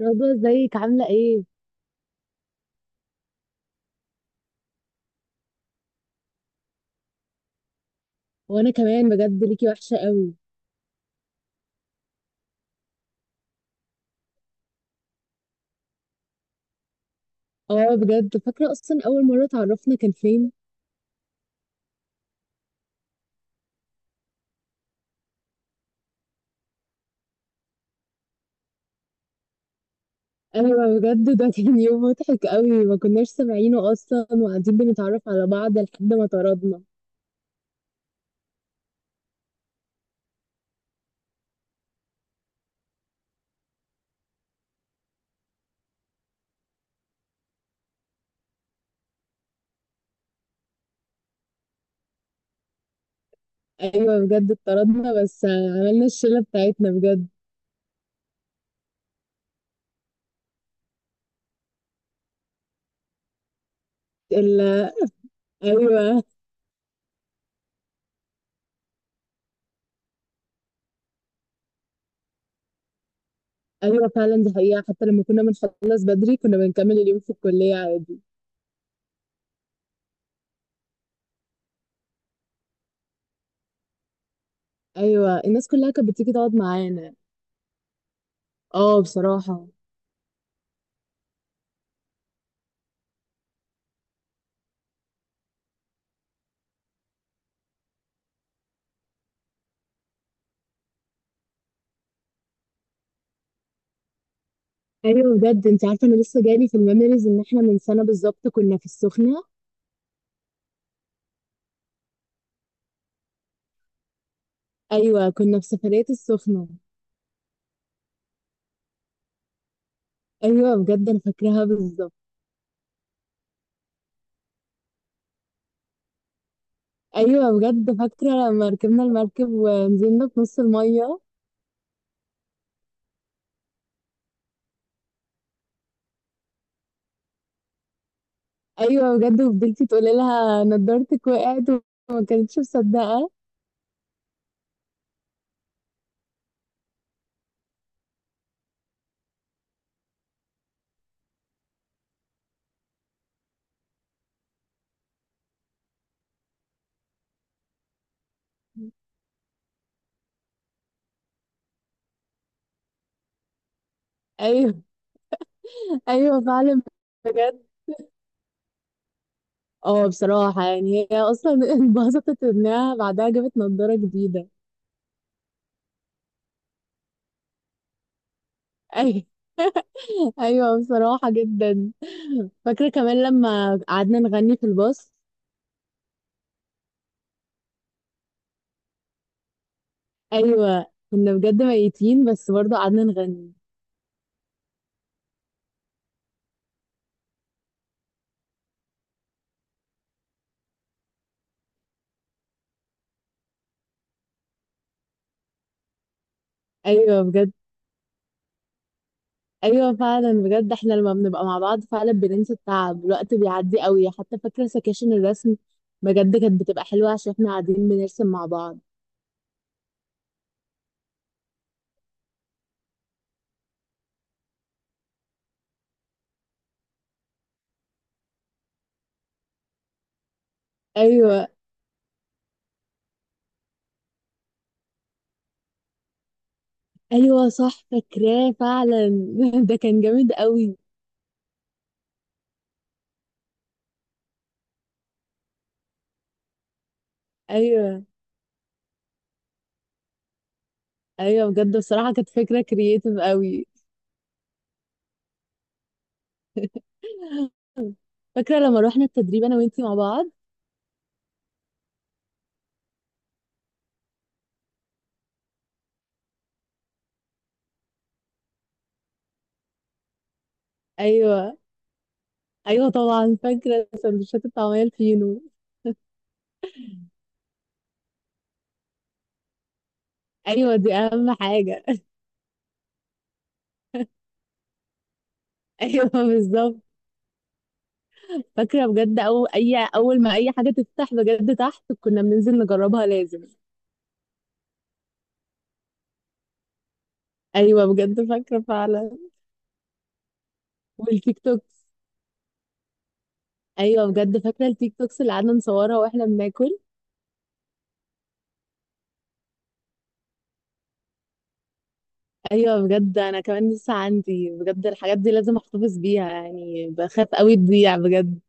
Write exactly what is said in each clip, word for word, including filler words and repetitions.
رضوى ازيك عاملة ايه؟ وانا كمان بجد ليكي وحشة قوي. اه بجد فاكرة، اصلا اول مرة اتعرفنا كان فين؟ انا بجد ده كان يوم مضحك قوي، ما كناش سامعينه اصلا وقاعدين بنتعرف على بعض لحد ما طردنا. ايوه بجد اتطردنا، بس عملنا الشلة بتاعتنا بجد. ال ايوه. ايوه فعلا، دي حقيقة، حتى لما كنا بنخلص بدري كنا بنكمل اليوم في الكلية عادي. ايوه الناس كلها كانت بتيجي تقعد معانا. اه بصراحة. ايوه بجد انت عارفه انا لسه جالي في الميموريز ان احنا من سنه بالظبط كنا في السخنه. ايوه كنا في سفريه السخنه. ايوه بجد انا فاكراها بالظبط. ايوه بجد فاكره لما ركبنا المركب ونزلنا في نص الميه. ايوه بجد، وفضلتي تقولي لها نضارتك وقعت، وما كانتش مصدقه. ايوه ايوه فعلا بجد. اه بصراحه، يعني هي اصلا انبسطت انها بعدها جابت نضاره جديده. ايوه ايوه بصراحه جدا. فاكرة كمان لما قعدنا نغني في الباص. أيوة، كنا بجد ميتين بس برضه قعدنا نغني. أيوة بجد. أيوة فعلا بجد، احنا لما بنبقى مع بعض فعلا بننسى التعب، الوقت بيعدي قوي. حتى فاكرة سكاشن الرسم، بجد كانت بتبقى حلوة عشان احنا قاعدين بنرسم مع بعض. أيوة. أيوة صح فاكراه فعلا. ده كان جامد قوي. أيوة. أيوة بجد بصراحة كانت فكرة كرييتيف قوي. فاكرة لما روحنا التدريب أنا وإنتي مع بعض. أيوة. ايوه طبعا فاكره سندوتشات الطعميه الفينو. ايوه دي اهم حاجه. ايوه بالظبط. فاكره بجد، او اي، اول ما اي حاجه تفتح بجد تحت كنا بننزل نجربها لازم. ايوه بجد فاكره فعلا. والتيك توكس. ايوه بجد فاكره التيك توكس اللي قعدنا نصورها واحنا بناكل. ايوه بجد انا كمان لسه عندي بجد الحاجات دي، لازم احتفظ بيها يعني، بخاف قوي تضيع بجد.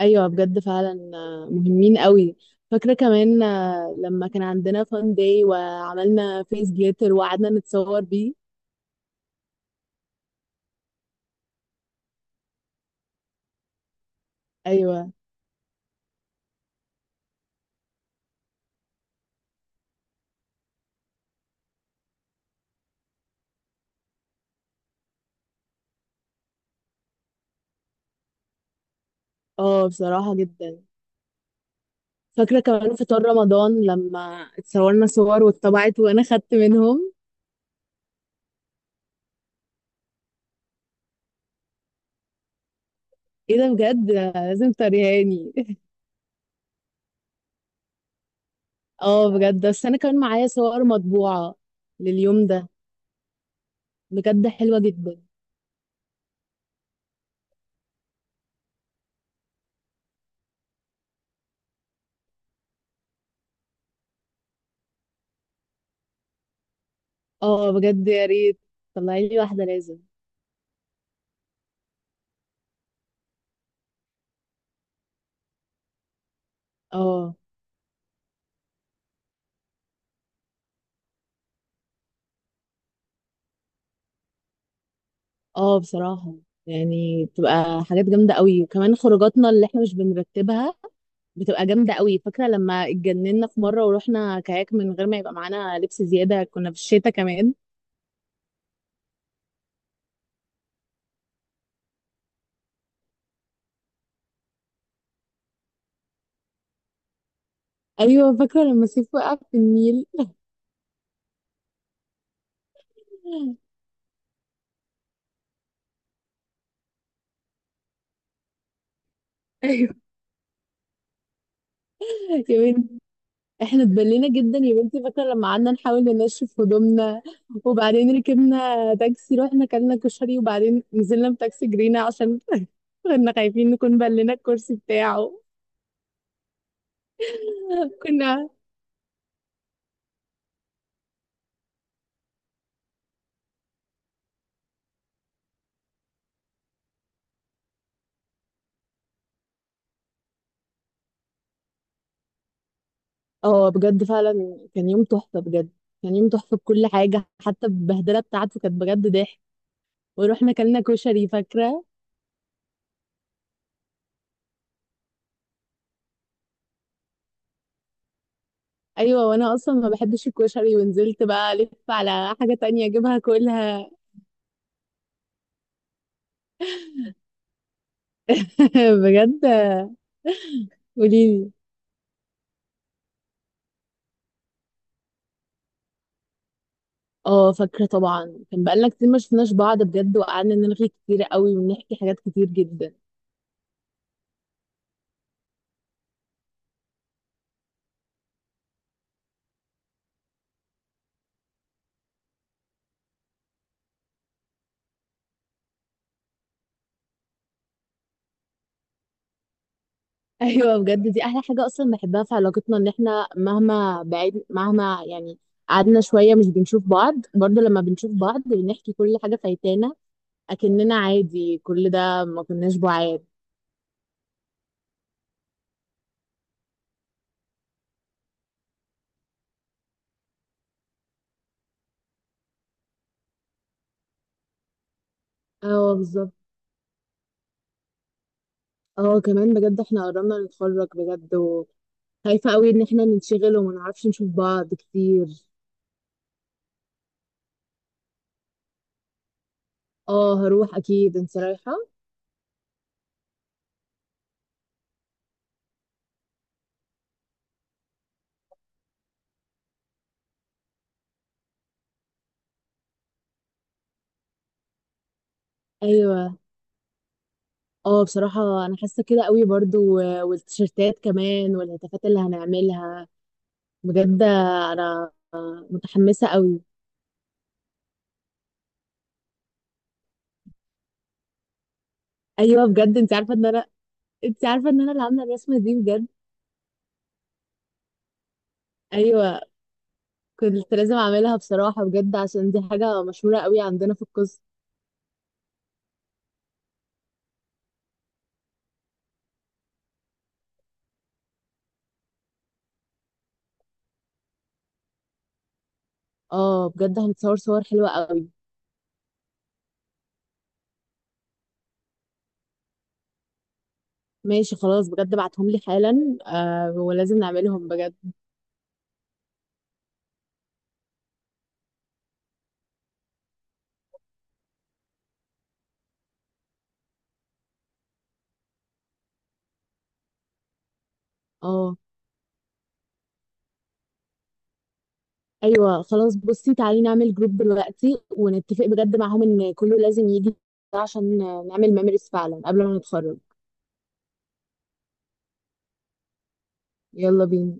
ايوه بجد فعلا، آه، مهمين قوي. فاكره كمان، آه، لما كان عندنا فان داي وعملنا فيس جليتر وقعدنا نتصور بيه. ايوه. اه بصراحه جدا. فاكره كمان فطار رمضان لما اتصورنا صور واتطبعت وانا خدت منهم. ايه ده بجد، آه، لازم توريهاني. اه بجد، بس انا كمان معايا صور مطبوعه لليوم ده. بجد حلوه جدا. اه بجد يا ريت، طلعي لي واحده لازم. اه. اه بصراحة، يعني بتبقى حاجات جامدة قوي، وكمان خروجاتنا اللي احنا مش بنرتبها بتبقى جامدة قوي. فاكرة لما اتجننا في مرة ورحنا كاياك من غير ما يبقى معانا لبس زيادة، كنا في الشتاء كمان. ايوه فاكرة لما سيف وقع في النيل. ايوه يا بنتي، احنا اتبلينا جدا يا بنتي. فاكرة لما قعدنا نحاول ننشف هدومنا وبعدين ركبنا تاكسي، رحنا كلنا كشري، وبعدين نزلنا بتاكسي جرينا عشان كنا خايفين نكون بلينا الكرسي بتاعه. كنا. اه بجد فعلا كان يوم تحفة بجد، كان يوم تحفة بكل حاجة، حتى البهدلة بتاعته كانت بجد ضحك. ورحنا كلنا كشري فاكرة. أيوة، وأنا أصلا ما بحبش الكشري ونزلت بقى ألف على حاجة تانية أجيبها كلها. بجد قوليلي. اه فاكرة طبعا، كان بقالنا كتير ما شفناش بعض بجد، وقعدنا نلغي كتير قوي ونحكي حاجات كتير جدا. ايوه بجد دي احلى حاجه اصلا بحبها في علاقتنا، ان احنا مهما بعيد مهما يعني قعدنا شويه مش بنشوف بعض، برضه لما بنشوف بعض بنحكي كل حاجه فايتانا، اكننا عادي كل ده ما كناش بعاد. اه بالظبط. اه كمان بجد احنا قربنا نتخرج بجد، وخايفه قوي ان احنا ننشغل وما نعرفش نشوف بعض كتير. اه هروح اكيد، انت رايحه؟ ايوه. اه بصراحه انا حاسه كده قوي برضو، و- والتيشيرتات كمان والهتافات اللي هنعملها. بجد انا متحمسه قوي. ايوه بجد انت عارفه ان انا، انت عارفه ان انا اللي عامله الرسمه دي بجد. ايوه كنت لازم اعملها بصراحه بجد، عشان دي حاجه مشهوره قوي عندنا في القسم. اه بجد هنتصور صور حلوه قوي. ماشي خلاص بجد، ابعتهم لي حالا آه ولازم نعملهم بجد. اه. ايوه خلاص، بصي تعالي نعمل جروب دلوقتي ونتفق بجد معاهم ان كله لازم يجي، عشان نعمل ميموريز فعلا قبل ما نتخرج. يلا بينا.